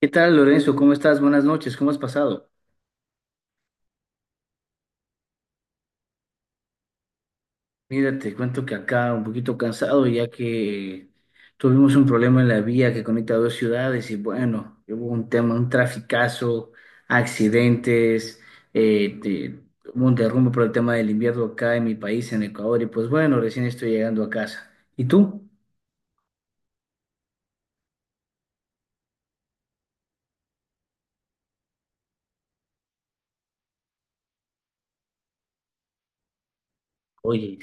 ¿Qué tal, Lorenzo? ¿Cómo estás? Buenas noches, ¿cómo has pasado? Mira, te cuento que acá un poquito cansado ya que tuvimos un problema en la vía que conecta dos ciudades y bueno, hubo un tema, un traficazo, accidentes, eh, de- hubo un derrumbe por el tema del invierno acá en mi país, en Ecuador, y pues bueno, recién estoy llegando a casa. ¿Y tú? Oye.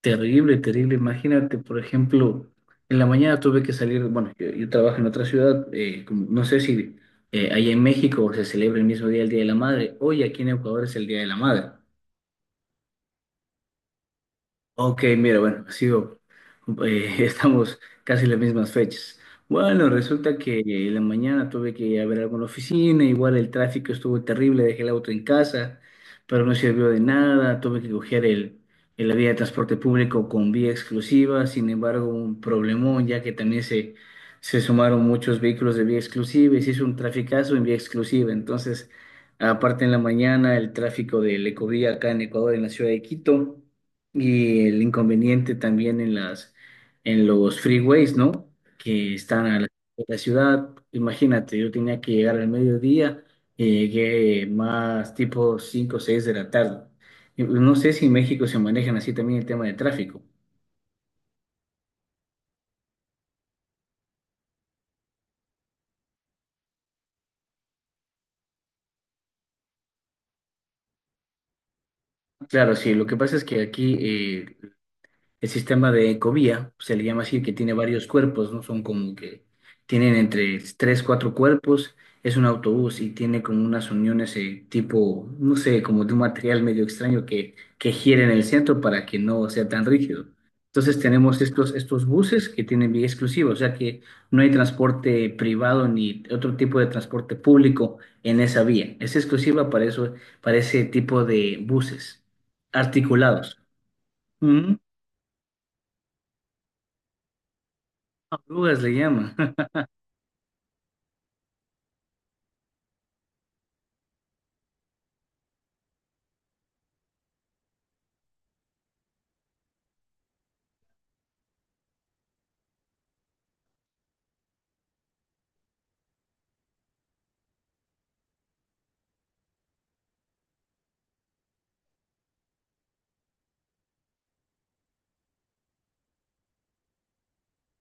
Terrible, terrible. Imagínate, por ejemplo, en la mañana tuve que salir, bueno, yo trabajo en otra ciudad, no sé si allá en México se celebra el mismo día el Día de la Madre, hoy aquí en Ecuador es el Día de la Madre. Ok, mira, bueno, sigo. Estamos casi en las mismas fechas. Bueno, resulta que en la mañana tuve que ir a ver algo en la oficina, igual el tráfico estuvo terrible, dejé el auto en casa, pero no sirvió de nada, tuve que coger la vía de transporte público con vía exclusiva, sin embargo, un problemón, ya que también se sumaron muchos vehículos de vía exclusiva y se hizo un traficazo en vía exclusiva. Entonces, aparte en la mañana, el tráfico del Ecovía acá en Ecuador, en la ciudad de Quito. Y el inconveniente también en en los freeways, ¿no? Que están a de la ciudad. Imagínate, yo tenía que llegar al mediodía y llegué más tipo 5 o 6 de la tarde. Y pues, no sé si en México se manejan así también el tema de tráfico. Claro, sí, lo que pasa es que aquí el sistema de ecovía se le llama así, que tiene varios cuerpos, ¿no? Son como que tienen entre tres, cuatro cuerpos. Es un autobús y tiene como unas uniones tipo, no sé, como de un material medio extraño que gira en el centro para que no sea tan rígido. Entonces tenemos estos buses que tienen vía exclusiva, o sea que no hay transporte privado ni otro tipo de transporte público en esa vía. Es exclusiva para eso, para ese tipo de buses articulados. Rugas le llama.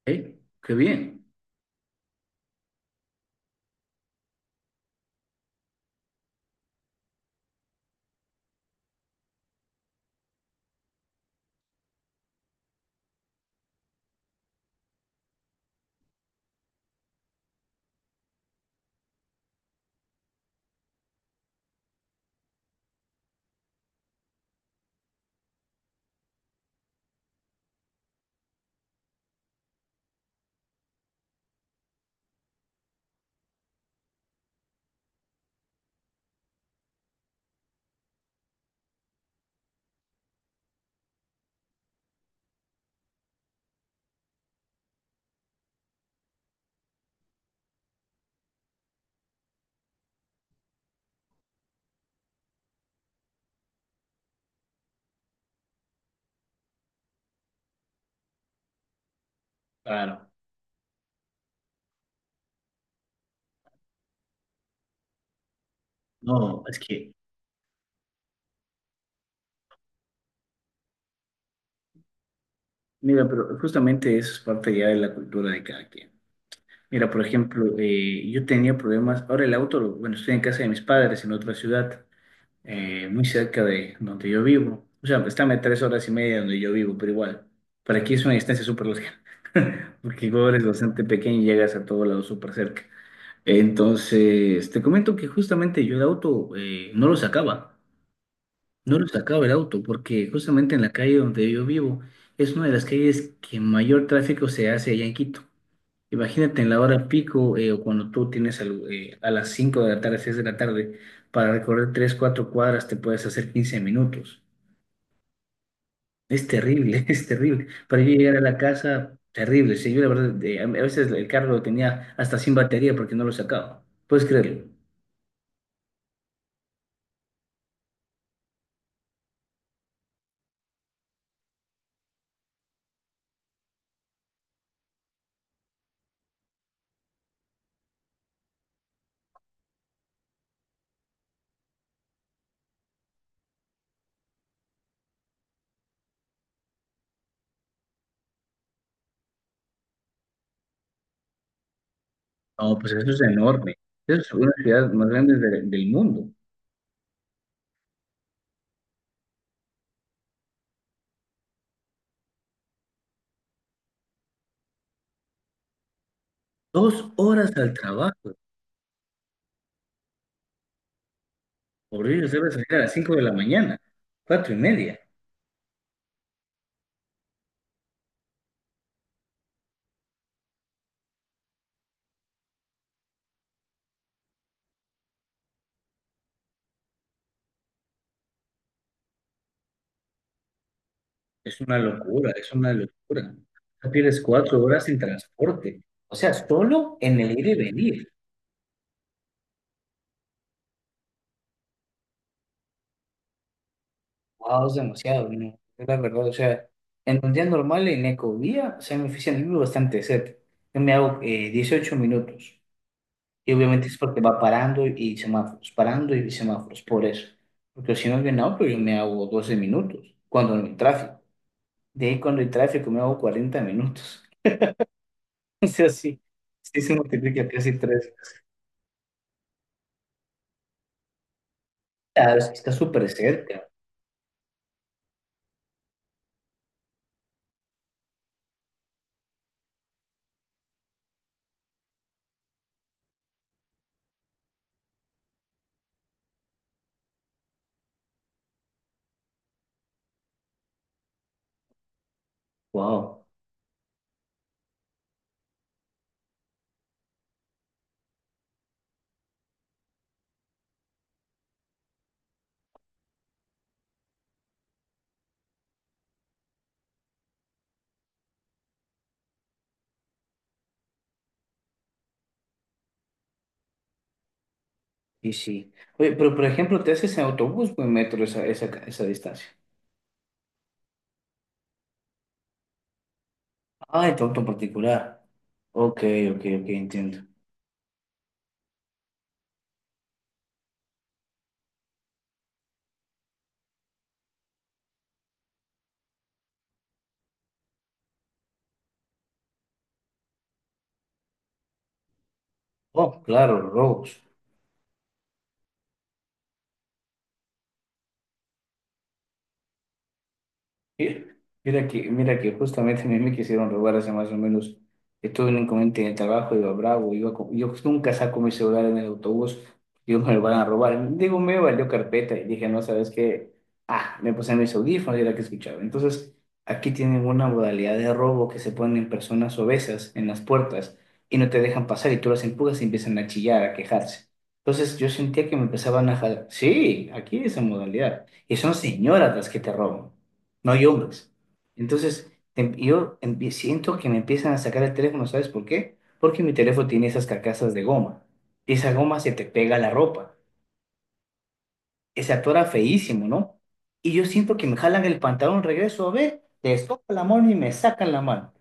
¿Eh? Qué bien. Claro. No, es que, mira, pero justamente eso es parte ya de la cultura de cada quien. Mira, por ejemplo, yo tenía problemas, ahora el auto, bueno, estoy en casa de mis padres en otra ciudad, muy cerca de donde yo vivo. O sea, pues, están a 3 horas y media de donde yo vivo, pero igual, para aquí es una distancia súper larga, porque Ecuador es bastante pequeño y llegas a todo lado súper cerca. Entonces, te comento que justamente yo el auto no lo sacaba. No lo sacaba el auto porque justamente en la calle donde yo vivo es una de las calles que mayor tráfico se hace allá en Quito. Imagínate en la hora pico o cuando tú tienes a las 5 de la tarde, 6 de la tarde, para recorrer 3, 4 cuadras te puedes hacer 15 minutos. Es terrible, es terrible. Para yo llegar a la casa, terrible. Sí, yo la verdad, a veces el carro lo tenía hasta sin batería porque no lo sacaba. ¿Puedes creerlo? No, pues eso es enorme. Eso es una ciudad más grande del mundo. 2 horas al trabajo. Morir debe salir a las 5 de la mañana, cuatro y media. Es una locura, es una locura. Ya pierdes 4 horas en transporte. O sea, solo en el ir y venir. Wow, es demasiado, ¿no? Es la verdad, o sea, en un día normal en Ecovía, o sea, me oficina vivo bastante cerca. Yo me hago 18 minutos. Y obviamente es porque va parando y semáforos, por eso. Porque si no es bien auto, yo me hago 12 minutos, cuando no hay tráfico. De ahí cuando hay tráfico me hago 40 minutos. O sea, sí, sí se multiplica casi tres veces. Ah, es que está súper cerca. Wow. Y sí. Oye, pero por ejemplo, ¿te haces en autobús o en metro esa distancia? Ah, en tu auto en particular. Ok, ok, entiendo. Oh, claro, Rose. Eh, mira que justamente a mí me quisieron robar hace más o menos, estuve en un inconveniente en el trabajo, iba bravo, yo nunca saco mi celular en el autobús, digo, me lo van a robar, digo, me valió carpeta y dije, no, ¿sabes qué? Ah, me puse mis audífonos y era que escuchaba. Entonces, aquí tienen una modalidad de robo que se ponen personas obesas en las puertas y no te dejan pasar y tú las empujas y empiezan a chillar, a quejarse. Entonces, yo sentía que me empezaban a jalar, sí, aquí esa modalidad, y son señoras las que te roban, no hay hombres. Entonces, siento que me empiezan a sacar el teléfono, ¿sabes por qué? Porque mi teléfono tiene esas carcasas de goma. Y esa goma se te pega a la ropa. Se atora feísimo, ¿no? Y yo siento que me jalan el pantalón, regreso a ver, les toco la mano y me sacan la mano.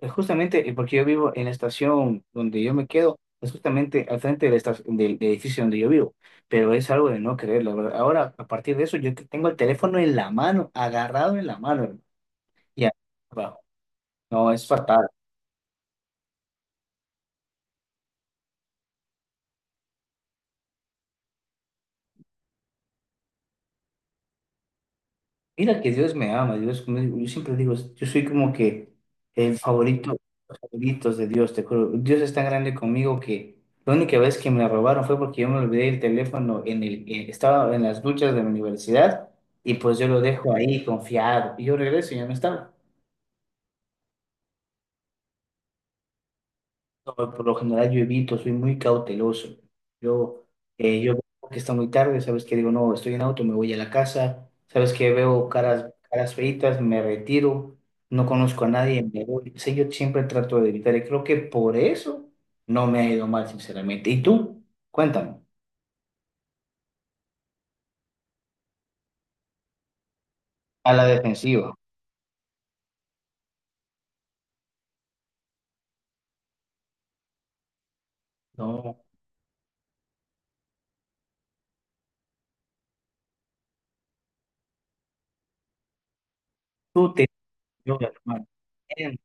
Es justamente porque yo vivo en la estación donde yo me quedo, es justamente al frente de la del edificio donde yo vivo. Pero es algo de no creer, la verdad. Ahora, a partir de eso, yo tengo el teléfono en la mano, agarrado en la mano, hermano. Ya, no, es fatal. Mira que Dios me ama, Dios, yo siempre digo, yo soy como que el favorito, los favoritos de Dios, te juro. Dios es tan grande conmigo que la única vez que me la robaron fue porque yo me olvidé el teléfono en el, estaba en las duchas de mi universidad y pues yo lo dejo ahí confiado y yo regreso y ya no estaba. No, por lo general yo evito, soy muy cauteloso. Yo, yo veo que está muy tarde, ¿sabes que Digo, no, estoy en auto, me voy a la casa, ¿sabes que Veo caras, caras feitas, me retiro, no conozco a nadie, me voy. Sí, yo siempre trato de evitar y creo que por eso no me ha ido mal, sinceramente. ¿Y tú? Cuéntame. A la defensiva. No, tú te... Yo, hermano, bien,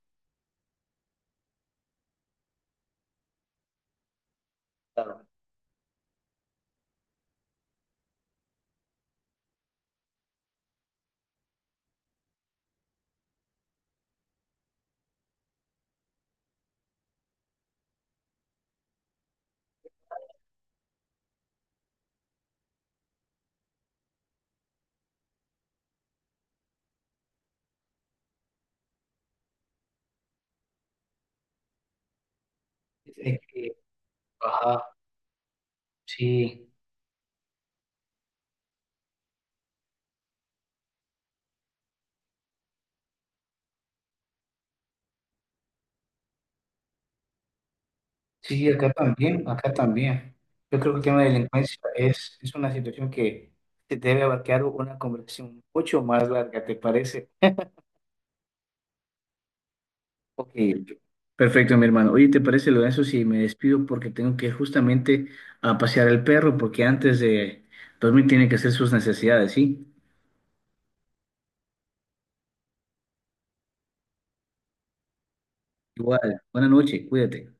claro. Es que, ajá, sí. Sí, acá también, acá también. Yo creo que el tema de la delincuencia es una situación que te debe abarcar una conversación mucho más larga, ¿te parece? Ok, perfecto, mi hermano. Oye, ¿te parece, Lorenzo, si me despido porque tengo que ir justamente a pasear al perro porque antes de dormir tiene que hacer sus necesidades, sí? Igual, buena noche, cuídate.